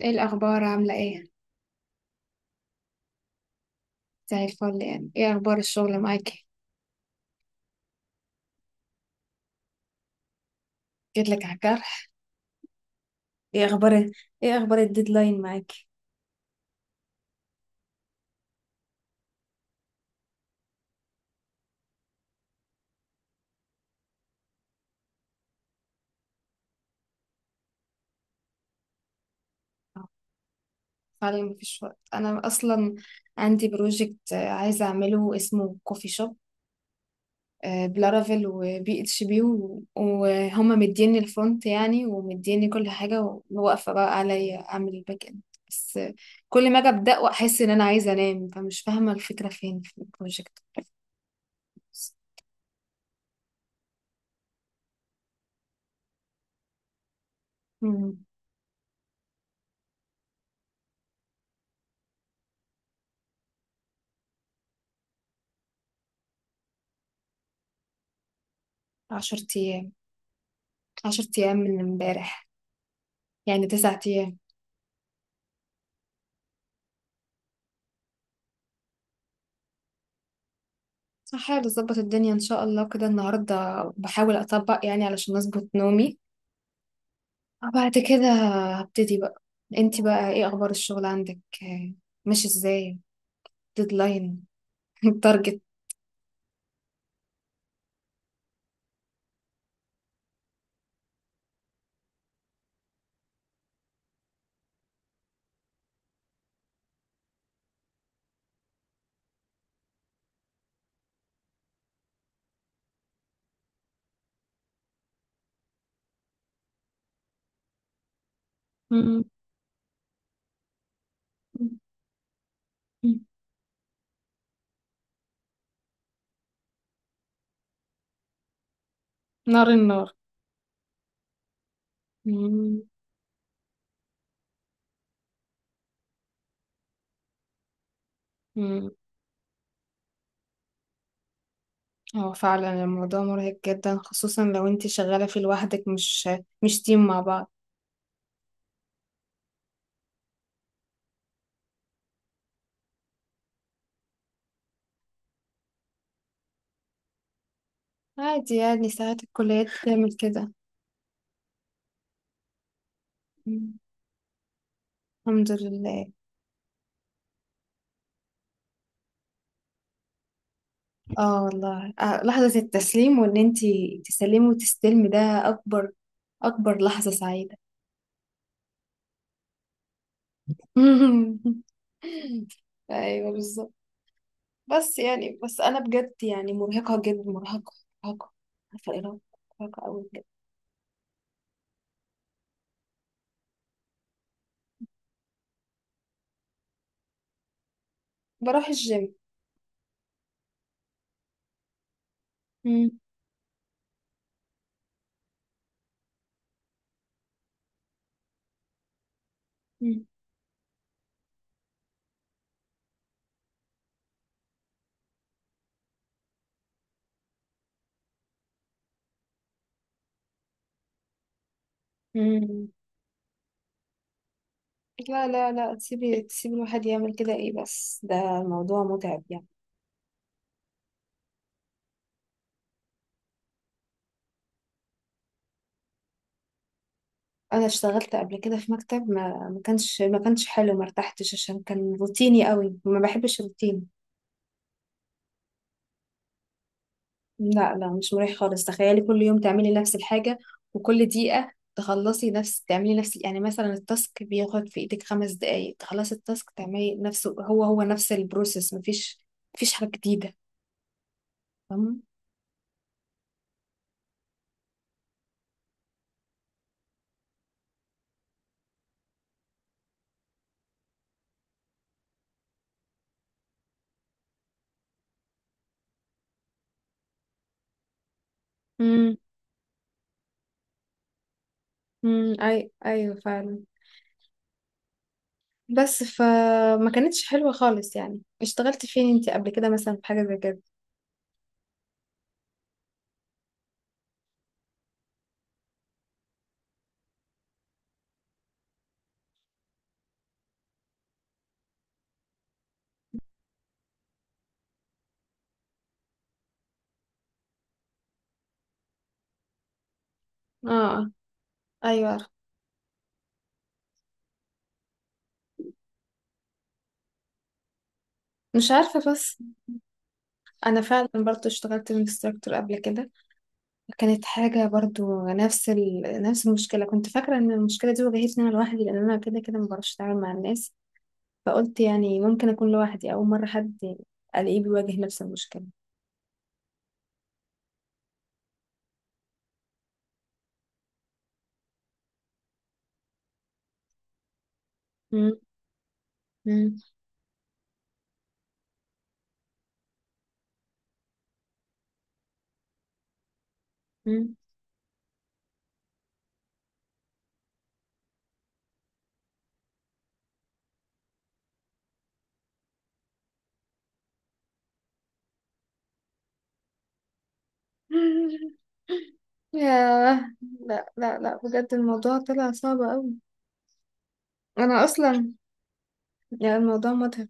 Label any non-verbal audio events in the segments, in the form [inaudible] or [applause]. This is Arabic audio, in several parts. ايه الاخبار؟ عامله ايه؟ زي الفل. يعني ايه اخبار الشغل معاكي؟ جيت لك على الجرح. ايه اخبار؟ ايه اخبار الديدلاين معاكي؟ فعلا مفيش وقت. انا اصلا عندي بروجكت عايزه اعمله اسمه كوفي شوب بلارافيل وبي اتش بي وهما مديني الفرونت يعني، ومديني كل حاجه، وواقفه بقى عليا اعمل الباك اند. بس كل ما اجي ابدا واحس ان انا عايزه انام فمش فاهمه الفكره فين في البروجكت. مم، 10 ايام. 10 ايام من امبارح، يعني 9 أيام. هحاول أظبط الدنيا إن شاء الله، كده النهاردة بحاول أطبق يعني علشان أظبط نومي، وبعد كده هبتدي بقى. انتي بقى ايه أخبار الشغل عندك؟ ماشي ازاي؟ ديدلاين، [laughs] التارجت. مم. نار النار. مم. مم. هو فعلا الموضوع مرهق جدا، خصوصا لو انتي شغالة في لوحدك، مش تيم مع بعض. عادي، يعني ساعات الكليات بتعمل كده. مم. الحمد لله. اه والله، لحظة التسليم، وان انتي تسلمي وتستلمي ده اكبر، اكبر لحظة سعيدة. [laughs] ايوه بالظبط. بس يعني، بس انا بجد يعني مرهقة جدا، مرهقة، مرهقة. عارفة ايه رأيك؟ مرهقة اوي بجد. بروح الجيم. مم. مم. مم. لا لا لا، تسيبي تسيبي الواحد يعمل كده، ايه؟ بس ده موضوع متعب يعني. انا اشتغلت قبل كده في مكتب، ما ما كانش ما كانش حلو، ما ارتحتش، عشان كان روتيني قوي، ما بحبش الروتين. لا لا، مش مريح خالص. تخيلي كل يوم تعملي نفس الحاجة، وكل دقيقة تخلصي نفس، تعملي نفس، يعني مثلا التاسك بياخد في ايدك 5 دقايق، تخلصي التاسك تعملي نفسه، هو هو نفس البروسيس، مفيش حاجة جديدة. فاهمة؟ امم، اي ايوه فعلا. بس فما كانتش حلوة خالص. يعني اشتغلت فين انتي قبل كده مثلا في حاجة زي كده؟ اه، ايوه. مش عارفه بس. انا فعلا برضو اشتغلت انستراكتور قبل كده، كانت حاجة برضو نفس نفس المشكلة. كنت فاكرة إن المشكلة دي واجهتني أنا لوحدي، لأن أنا كده كده مبعرفش أتعامل مع الناس، فقلت يعني ممكن أكون لوحدي أول مرة حد ألاقيه بيواجه نفس المشكلة. مم. مم. مم. [laughs] ياه. لا لا لا، بجد الموضوع طلع صعب أوي. أنا أصلا يعني الموضوع مضحك.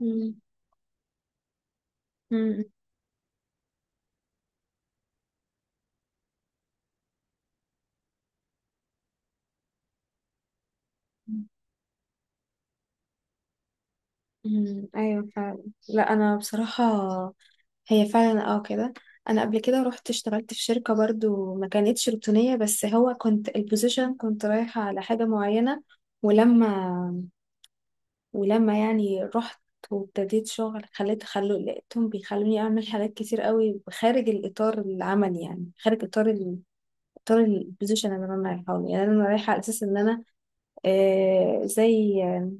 مم. مم. مم. أيوة فعلا. لا أنا بصراحة، هي فعلا اه كده. انا قبل كده رحت اشتغلت في شركة برضو ما كانتش روتينية، بس هو كنت البوزيشن كنت رايحة على حاجة معينة، ولما ولما يعني رحت وابتديت شغل، خليت خلو لقيتهم بيخلوني اعمل حاجات كتير قوي خارج الاطار العمل، يعني خارج اطار اطار البوزيشن اللي انا رايحه له. يعني انا رايحه على اساس ان انا زي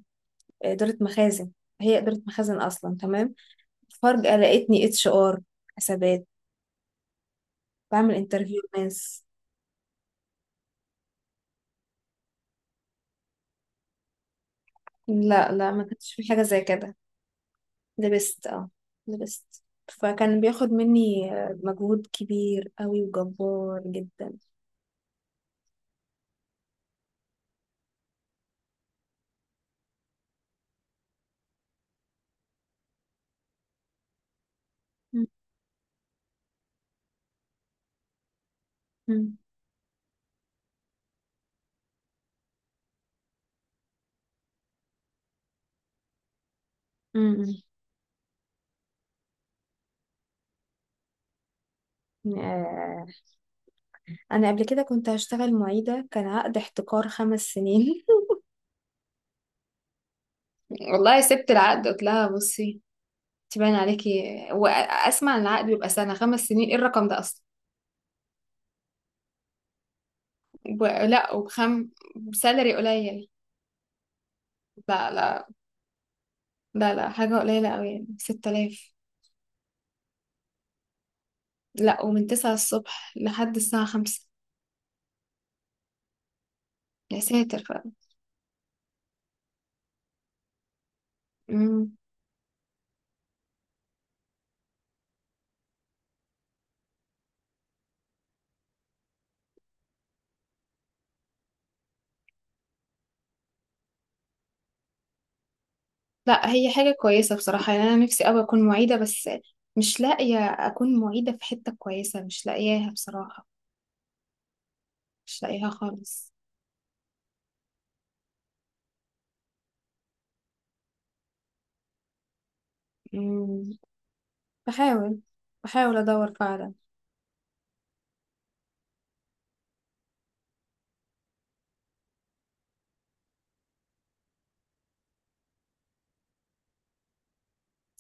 اداره مخازن، هي اداره مخازن اصلا، تمام. فجاه لقيتني اتش ار، حسابات، بعمل انترفيو ناس. لا لا، ما كانش في حاجة زي كده. لبست، اه لبست. فكان بياخد مني مجهود كبير قوي وجبار جدا. م- م- م- م. أنا قبل كده كنت هشتغل معيدة، كان عقد احتكار 5 سنين. [laughs] والله سبت العقد، قلت لها بصي، تبان عليكي، وأسمع إن العقد بيبقى سنة؟ 5 سنين إيه الرقم ده أصلا؟ لا بسالري قليل. لا لا، لا لا حاجة قليلة قوي، 6000. لا ومن 9 الصبح لحد الساعة 5. يا ساتر. مم. لا هي حاجة كويسة بصراحة، يعني أنا نفسي أوي أكون معيدة، بس مش لاقية أكون معيدة في حتة كويسة، مش لاقياها بصراحة، مش لاقيها خالص. مم. بحاول، بحاول أدور فعلا.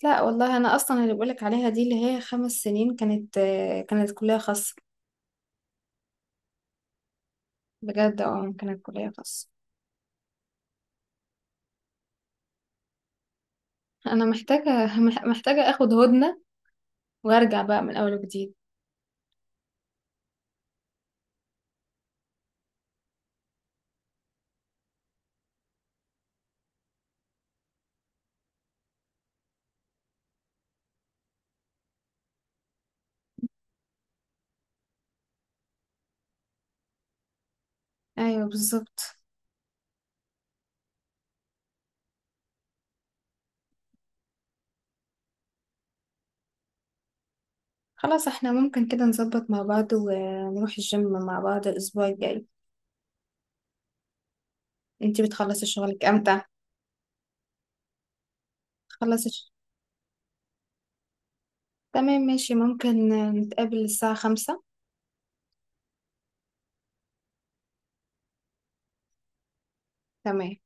لا والله، أنا أصلا اللي بقولك عليها دي اللي هي 5 سنين كانت، كانت كلية خاصة. بجد اه، كانت كلية خاصة. أنا محتاجة، [laughs] محتاجة أخد هدنة وأرجع بقى من أول وجديد. أيوه بالظبط. خلاص احنا ممكن كده نظبط مع بعض ونروح الجيم مع بعض الأسبوع الجاي. انتي بتخلصي شغلك امتى؟ خلصي تمام، ماشي، ممكن نتقابل الساعة 5. تمام.